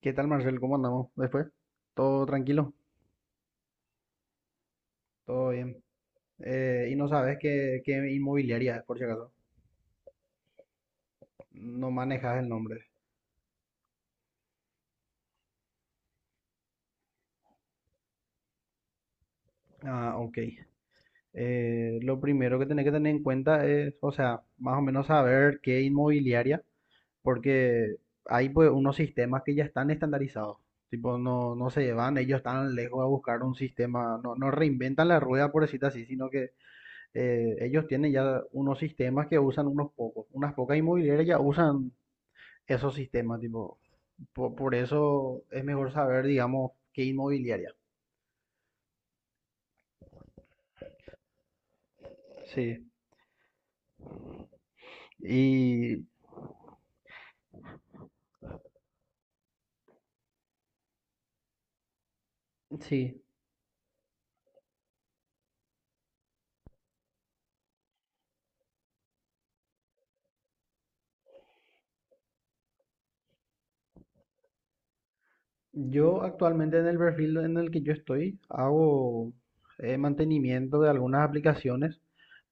¿Qué tal, Marcel? ¿Cómo andamos después? ¿Todo tranquilo? Todo bien. Y no sabes qué inmobiliaria es, por si acaso. No manejas el nombre. Ah, ok. Lo primero que tenés que tener en cuenta es, o sea, más o menos saber qué inmobiliaria, porque hay pues unos sistemas que ya están estandarizados. Tipo, no, ellos están lejos a buscar un sistema, no, no reinventan la rueda, por decirlo así, sino que ellos tienen ya unos sistemas que usan unos pocos. Unas pocas inmobiliarias ya usan esos sistemas, tipo, por eso es mejor saber, digamos, qué inmobiliaria. Sí, y sí, yo actualmente en el perfil en el que yo estoy hago mantenimiento de algunas aplicaciones,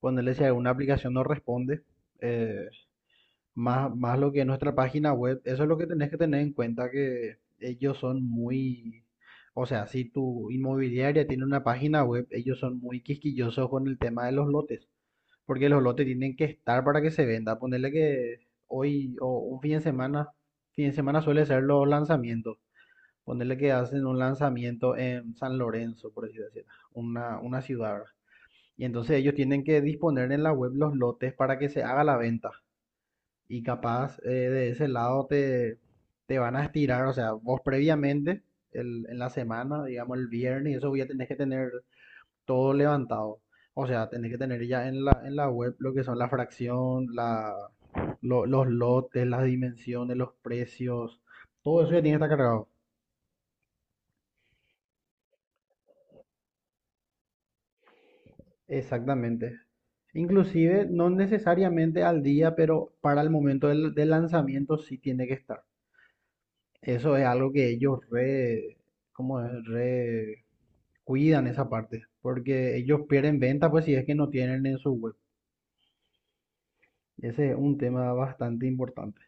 ponerle si alguna aplicación no responde, eh, más lo que es nuestra página web. Eso es lo que tenés que tener en cuenta, que ellos son muy... O sea, si tu inmobiliaria tiene una página web, ellos son muy quisquillosos con el tema de los lotes. Porque los lotes tienen que estar para que se venda. Ponerle que hoy o un fin de semana suele ser los lanzamientos. Ponerle que hacen un lanzamiento en San Lorenzo, por así decirlo, una ciudad, ¿verdad? Y entonces ellos tienen que disponer en la web los lotes para que se haga la venta. Y capaz de ese lado te van a estirar. O sea, vos previamente, en la semana, digamos el viernes, y eso ya tenés que tener todo levantado. O sea, tenés que tener ya en en la web lo que son la fracción, los lotes, las dimensiones, los precios, todo eso ya tiene que estar cargado. Exactamente. Inclusive, no necesariamente al día, pero para el momento del lanzamiento sí tiene que estar. Eso es algo que ellos re, ¿cómo es? Re cuidan esa parte, porque ellos pierden venta pues si es que no tienen en su web. Ese es un tema bastante importante.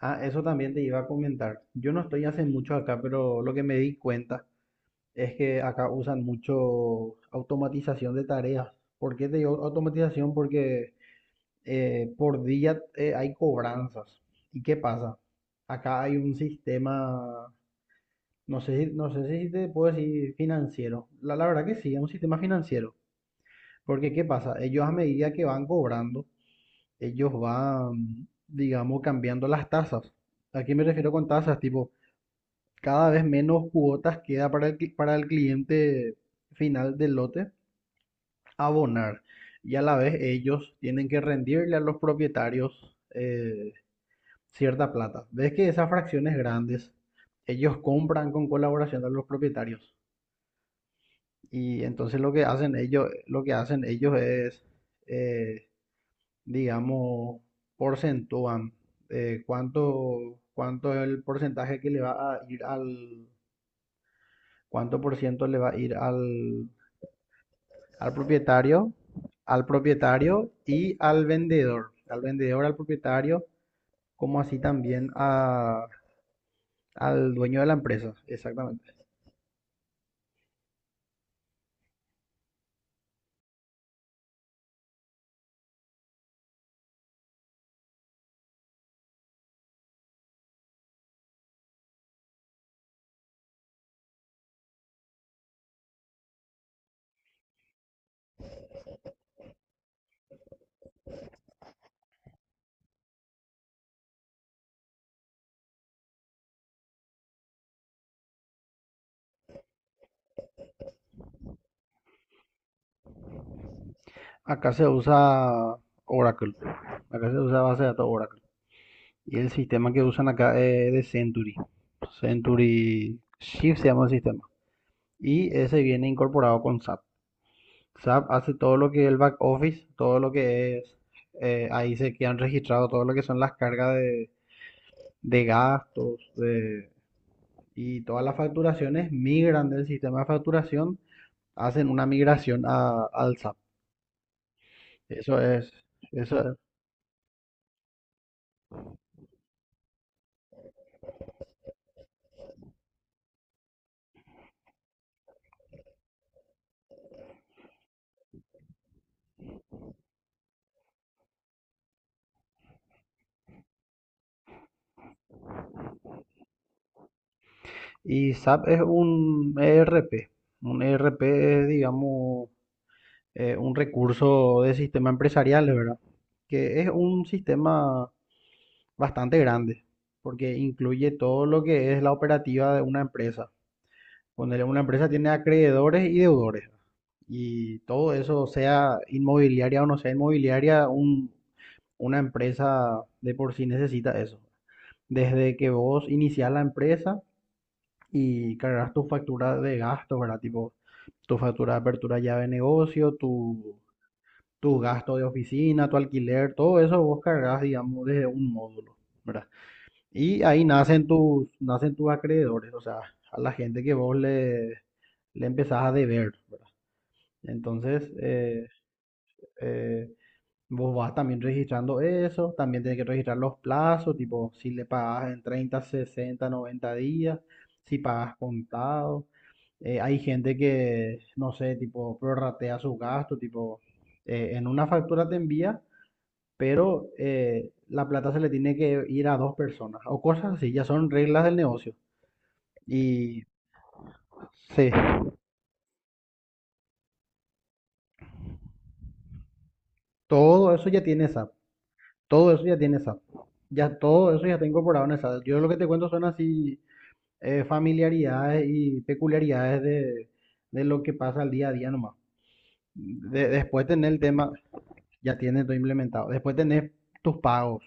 Ah, eso también te iba a comentar. Yo no estoy hace mucho acá, pero lo que me di cuenta es que acá usan mucho automatización de tareas. ¿Por qué te digo automatización? Porque por día hay cobranzas. ¿Y qué pasa? Acá hay un sistema, no sé, no sé si te puedo decir financiero. La verdad que sí, es un sistema financiero. Porque ¿qué pasa? Ellos a medida que van cobrando, ellos van, digamos, cambiando las tasas. ¿A qué me refiero con tasas? Tipo cada vez menos cuotas queda para el, para el cliente final del lote abonar. Y a la vez ellos tienen que rendirle a los propietarios cierta plata. Ves que esas fracciones grandes, ellos compran con colaboración de los propietarios. Y entonces lo que hacen ellos es, eh, digamos, porcentúan cuánto es el porcentaje que le va a ir al, cuánto por ciento le va a ir al, al propietario, al vendedor, como así también a, al dueño de la empresa, exactamente. Acá se usa Oracle, acá se usa base de datos Oracle. Y el sistema que usan acá es de Century. Century Shift se llama el sistema. Y ese viene incorporado con SAP. SAP hace todo lo que es el back office, todo lo que es, ahí se quedan registrados todo lo que son las cargas de gastos y todas las facturaciones migran del sistema de facturación, hacen una migración al SAP. Eso es, eso es. Y SAP es un ERP. Un ERP es, digamos, un recurso de sistema empresarial, ¿verdad? Que es un sistema bastante grande, porque incluye todo lo que es la operativa de una empresa. Ponele, una empresa tiene acreedores y deudores. Y todo eso, sea inmobiliaria o no sea inmobiliaria, una empresa de por sí necesita eso. Desde que vos iniciás la empresa y cargas tu factura de gastos, ¿verdad? Tipo, tu factura de apertura llave de negocio, tu, tus gastos de oficina, tu alquiler, todo eso vos cargas, digamos, desde un módulo, ¿verdad? Y ahí nacen tus acreedores, o sea, a la gente que vos le empezás a deber, ¿verdad? Entonces, eh, vos vas también registrando eso, también tenés que registrar los plazos, tipo si le pagas en 30 60 90 días, si pagas contado. Hay gente que, no sé, tipo prorratea sus gastos, tipo en una factura te envía, pero la plata se le tiene que ir a dos personas o cosas así, ya son reglas del negocio. Y sí, todo eso ya tiene SAP, todo eso ya tiene SAP, ya todo eso ya está incorporado en el SAP. Yo lo que te cuento son así familiaridades y peculiaridades de lo que pasa al día a día nomás. Después tenés el tema, ya tienes todo implementado. Después tenés tus pagos.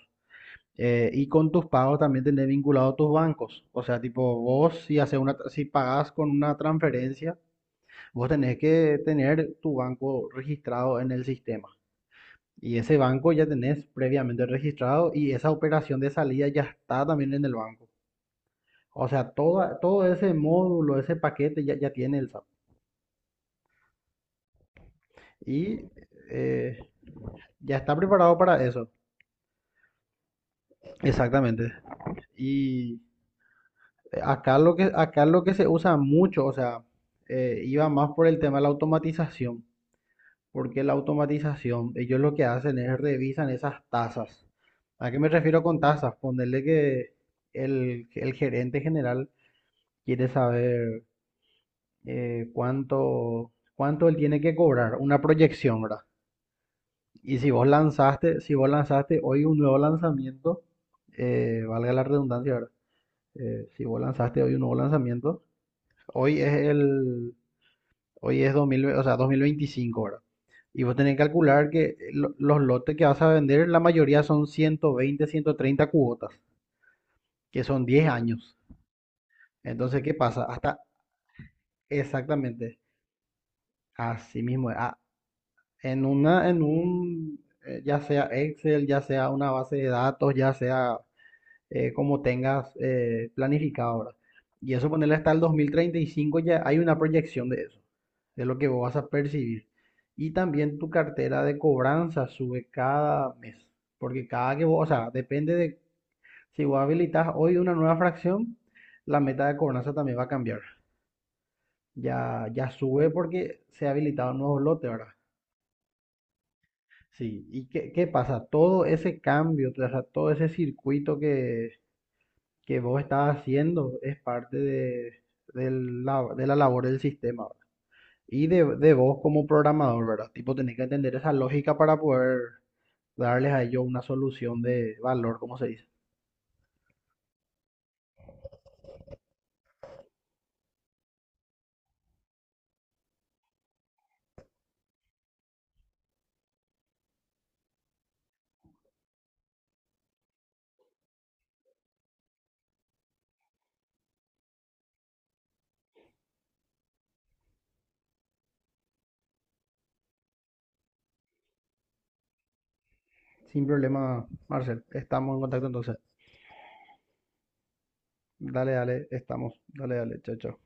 Y con tus pagos también tenés vinculado tus bancos. O sea, tipo, vos si haces una, si pagás con una transferencia, vos tenés que tener tu banco registrado en el sistema. Y ese banco ya tenés previamente registrado y esa operación de salida ya está también en el banco. O sea, todo ese módulo, ese paquete ya tiene el SAP. Y eh, ya está preparado para eso. Exactamente. Y acá lo que se usa mucho, o sea, iba más por el tema de la automatización, porque la automatización, ellos lo que hacen es revisan esas tasas. ¿A qué me refiero con tasas? Ponerle que el gerente general quiere saber cuánto él tiene que cobrar, una proyección, ¿verdad? Y si vos lanzaste hoy un nuevo lanzamiento, valga la redundancia, ¿verdad? Si vos lanzaste hoy un nuevo lanzamiento, hoy es el, hoy es 2025, ¿verdad? Y vos tenés que calcular que los lotes que vas a vender, la mayoría son 120, 130 cuotas, que son 10 años. Entonces, ¿qué pasa? Hasta exactamente así mismo. Ah, en una, en un, ya sea Excel, ya sea una base de datos, ya sea como tengas planificado, ahora y eso ponerle hasta el 2035 ya hay una proyección de eso, de lo que vos vas a percibir. Y también tu cartera de cobranza sube cada mes, porque cada que vos, o sea, depende de si vos habilitas hoy una nueva fracción, la meta de cobranza también va a cambiar. Ya, ya sube porque se ha habilitado un nuevo lote, ¿verdad? Sí, ¿y qué pasa? Todo ese cambio, o sea, todo ese circuito que vos estás haciendo es parte de, de la labor del sistema, ¿verdad? Y de vos como programador, ¿verdad? Tipo, tenés que entender esa lógica para poder darles a ellos una solución de valor, como se dice. Sin problema, Marcel. Estamos en contacto entonces. Dale, dale, estamos. Dale, dale, chao, chao.